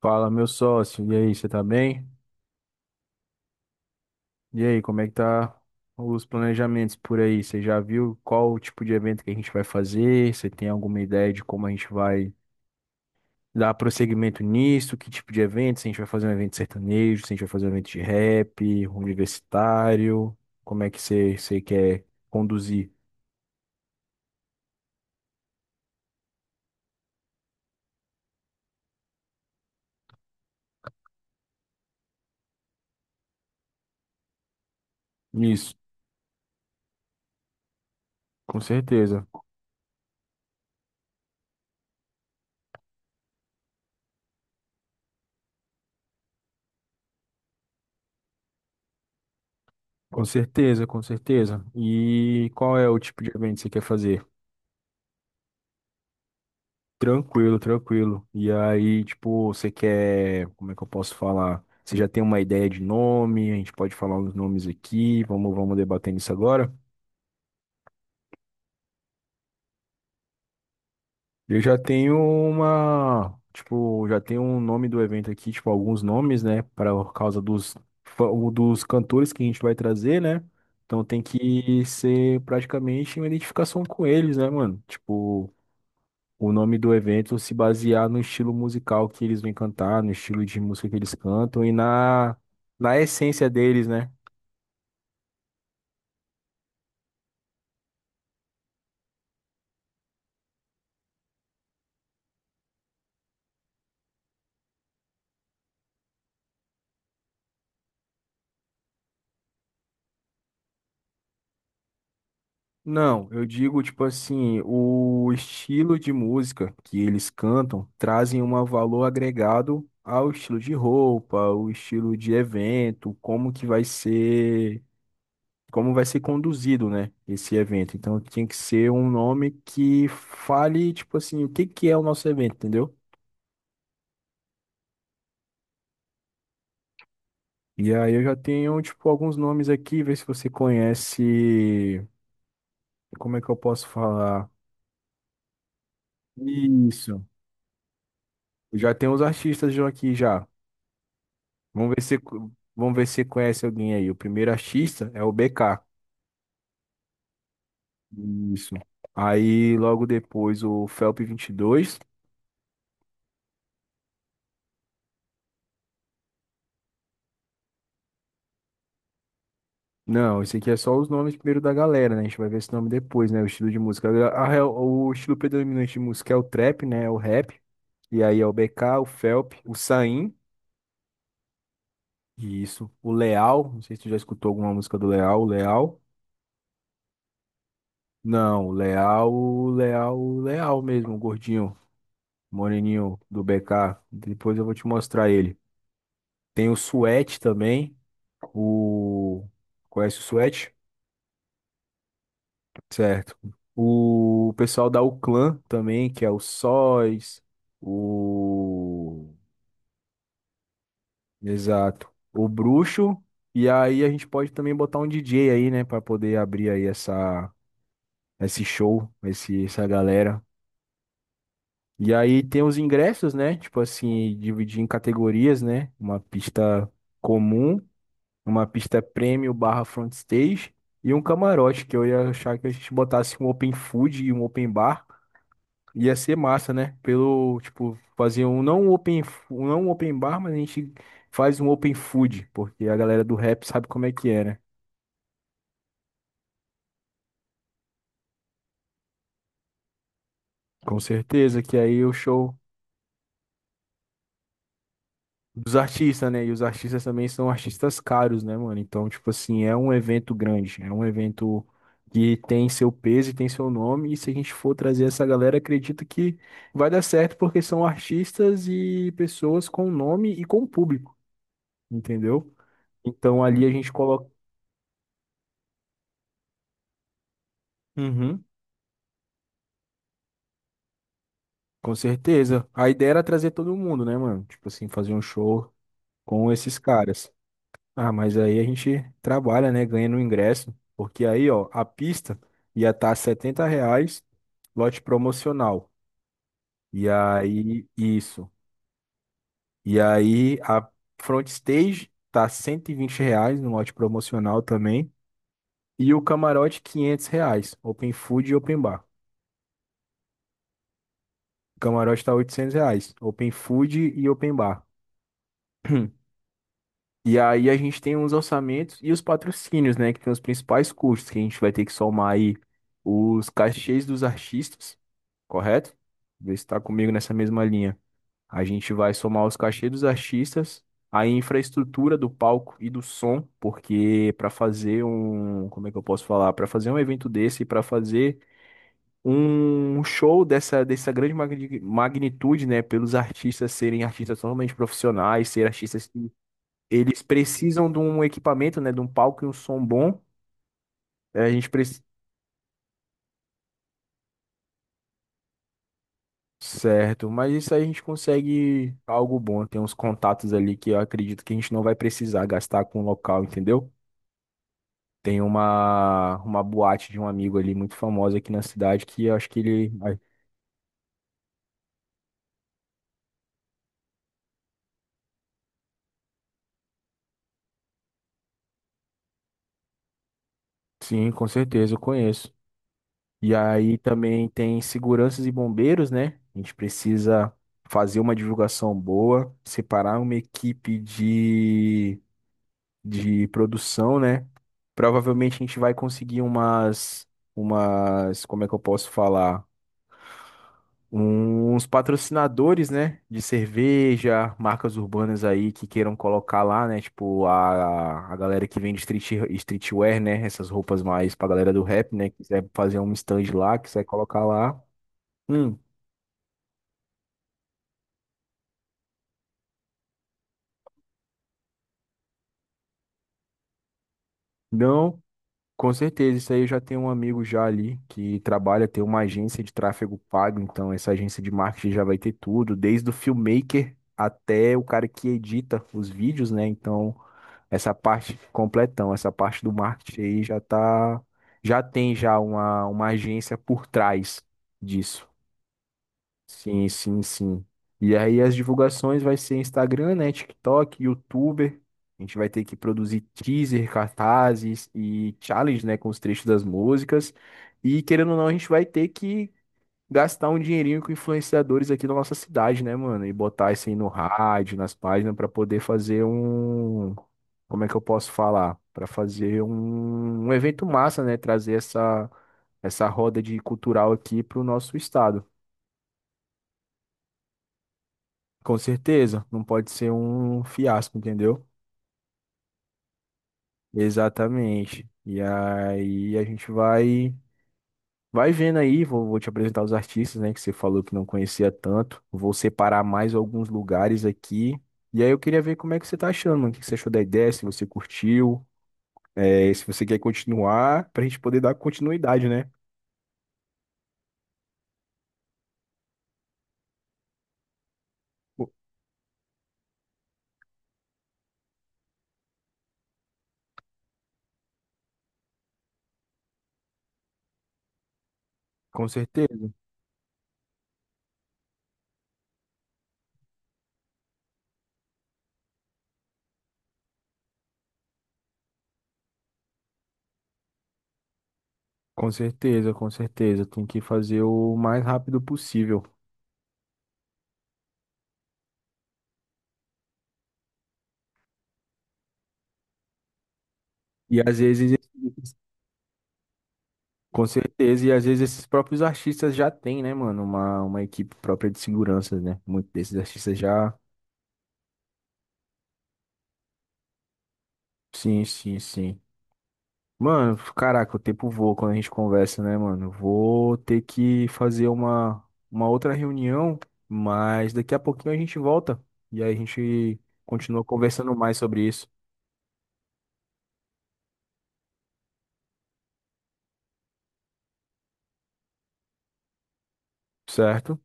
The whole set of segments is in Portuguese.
Fala, meu sócio. E aí, você tá bem? E aí, como é que tá os planejamentos por aí? Você já viu qual o tipo de evento que a gente vai fazer? Você tem alguma ideia de como a gente vai dar prosseguimento nisso? Que tipo de evento? Se a gente vai fazer um evento sertanejo, se a gente vai fazer um evento de rap, universitário, como é que você quer conduzir isso? Com certeza, com certeza, com certeza. E qual é o tipo de evento que você quer fazer? Tranquilo, tranquilo. E aí, tipo, você quer, como é que eu posso falar? Você já tem uma ideia de nome? A gente pode falar uns nomes aqui. Vamos debatendo isso agora. Eu já tenho uma, tipo, já tenho um nome do evento aqui, tipo, alguns nomes, né, para causa dos fa- dos cantores que a gente vai trazer, né? Então tem que ser praticamente uma identificação com eles, né, mano? Tipo, o nome do evento se basear no estilo musical que eles vêm cantar, no estilo de música que eles cantam e na essência deles, né? Não, eu digo tipo assim, o estilo de música que eles cantam trazem um valor agregado ao estilo de roupa, ao estilo de evento, como que vai ser, como vai ser conduzido, né, esse evento. Então tem que ser um nome que fale tipo assim, o que que é o nosso evento, entendeu? E aí eu já tenho, tipo, alguns nomes aqui, ver se você conhece. Como é que eu posso falar? Isso. Já tem os artistas já aqui já. Vamos ver se vamos ver se você conhece alguém aí. O primeiro artista é o BK. Isso. Aí logo depois o Felp 22. Não, esse aqui é só os nomes primeiro da galera, né? A gente vai ver esse nome depois, né? O estilo de música. O estilo predominante de música é o trap, né? É o rap. E aí é o BK, o Felp, o Saim. Isso. O Leal, não sei se tu já escutou alguma música do Leal. O Leal? Não, o Leal, o Leal, o Leal mesmo, o gordinho, moreninho do BK. Depois eu vou te mostrar ele. Tem o Suete também. O. Conhece o Suete? Certo. O pessoal da Uclan também, que é o Sóis, o. Exato. O Bruxo. E aí a gente pode também botar um DJ aí, né, pra poder abrir aí essa. Esse show, essa galera. E aí tem os ingressos, né? Tipo assim, dividir em categorias, né? Uma pista comum, uma pista premium barra front stage e um camarote, que eu ia achar que a gente botasse um open food e um open bar. Ia ser massa, né? Pelo, tipo, fazer um não um open, não um open bar, mas a gente faz um open food, porque a galera do rap sabe como é que é, né? Com certeza que aí o show dos artistas, né? E os artistas também são artistas caros, né, mano? Então, tipo assim, é um evento grande, é um evento que tem seu peso e tem seu nome. E se a gente for trazer essa galera, acredito que vai dar certo, porque são artistas e pessoas com nome e com público, entendeu? Então, ali a gente coloca. Uhum, com certeza. A ideia era trazer todo mundo, né, mano? Tipo assim, fazer um show com esses caras. Ah, mas aí a gente trabalha, né? Ganha no ingresso. Porque aí, ó, a pista ia estar tá R$ 70, lote promocional. E aí, isso. E aí, a front stage tá R$ 120 no lote promocional também. E o camarote, R$ 500. Open food e open bar. O camarote tá R$ 800. Open food e open bar. E aí a gente tem os orçamentos e os patrocínios, né? Que tem os principais custos, que a gente vai ter que somar aí os cachês dos artistas, correto? Vê se está comigo nessa mesma linha. A gente vai somar os cachês dos artistas, a infraestrutura do palco e do som, porque para fazer um, como é que eu posso falar? Para fazer um evento desse, para fazer um show dessa grande magnitude, né? Pelos artistas serem artistas totalmente profissionais, ser artistas eles precisam de um equipamento, né? De um palco e um som bom. É, a gente precisa. Certo, mas isso aí a gente consegue algo bom. Tem uns contatos ali que eu acredito que a gente não vai precisar gastar com o local, entendeu? Tem uma boate de um amigo ali muito famosa aqui na cidade que eu acho que ele. Sim, com certeza, eu conheço. E aí também tem seguranças e bombeiros, né? A gente precisa fazer uma divulgação boa, separar uma equipe de produção, né? Provavelmente a gente vai conseguir umas, como é que eu posso falar? Uns patrocinadores, né? De cerveja, marcas urbanas aí que queiram colocar lá, né? Tipo, a galera que vende streetwear, né? Essas roupas mais pra galera do rap, né? Quiser fazer um stand lá, quiser colocar lá. Hum, não. Com certeza, isso aí eu já tenho um amigo já ali que trabalha, tem uma agência de tráfego pago, então essa agência de marketing já vai ter tudo, desde o filmmaker até o cara que edita os vídeos, né? Então, essa parte completão, essa parte do marketing aí já tem já uma agência por trás disso. Sim, sim, sim. E aí as divulgações vai ser Instagram, né, TikTok, YouTuber. A gente vai ter que produzir teaser, cartazes e challenge, né, com os trechos das músicas. E querendo ou não, a gente vai ter que gastar um dinheirinho com influenciadores aqui da nossa cidade, né, mano? E botar isso aí no rádio, nas páginas, para poder fazer um. Como é que eu posso falar? Para fazer um evento massa, né? Trazer essa roda de cultural aqui para o nosso estado. Com certeza, não pode ser um fiasco, entendeu? Exatamente. E aí a gente vai vendo aí, vou te apresentar os artistas, né, que você falou que não conhecia tanto. Vou separar mais alguns lugares aqui. E aí eu queria ver como é que você tá achando, mano, o que que você achou da ideia, se você curtiu, se você quer continuar, pra gente poder dar continuidade, né? Co- Com certeza, com certeza, com certeza. Tem que fazer o mais rápido possível. E às vezes Com certeza, e às vezes esses próprios artistas já têm, né, mano, uma equipe própria de segurança, né? Muitos desses artistas já. Sim, sim, sim. Mano, caraca, o tempo voa quando a gente conversa, né, mano? Vou ter que fazer uma outra reunião, mas daqui a pouquinho a gente volta e aí a gente continua conversando mais sobre isso, certo?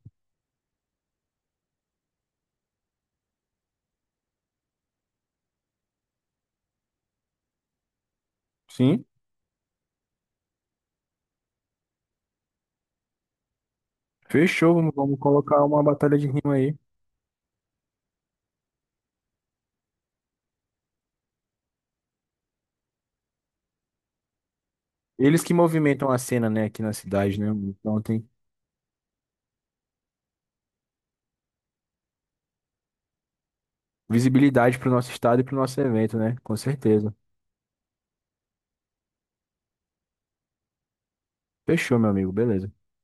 Sim, fechou, vamos colocar uma batalha de rima aí. Eles que movimentam a cena, né, aqui na cidade, né? Então tem. Visibilidade para o nosso estado e para o nosso evento, né? Com certeza. Fechou, meu amigo. Beleza.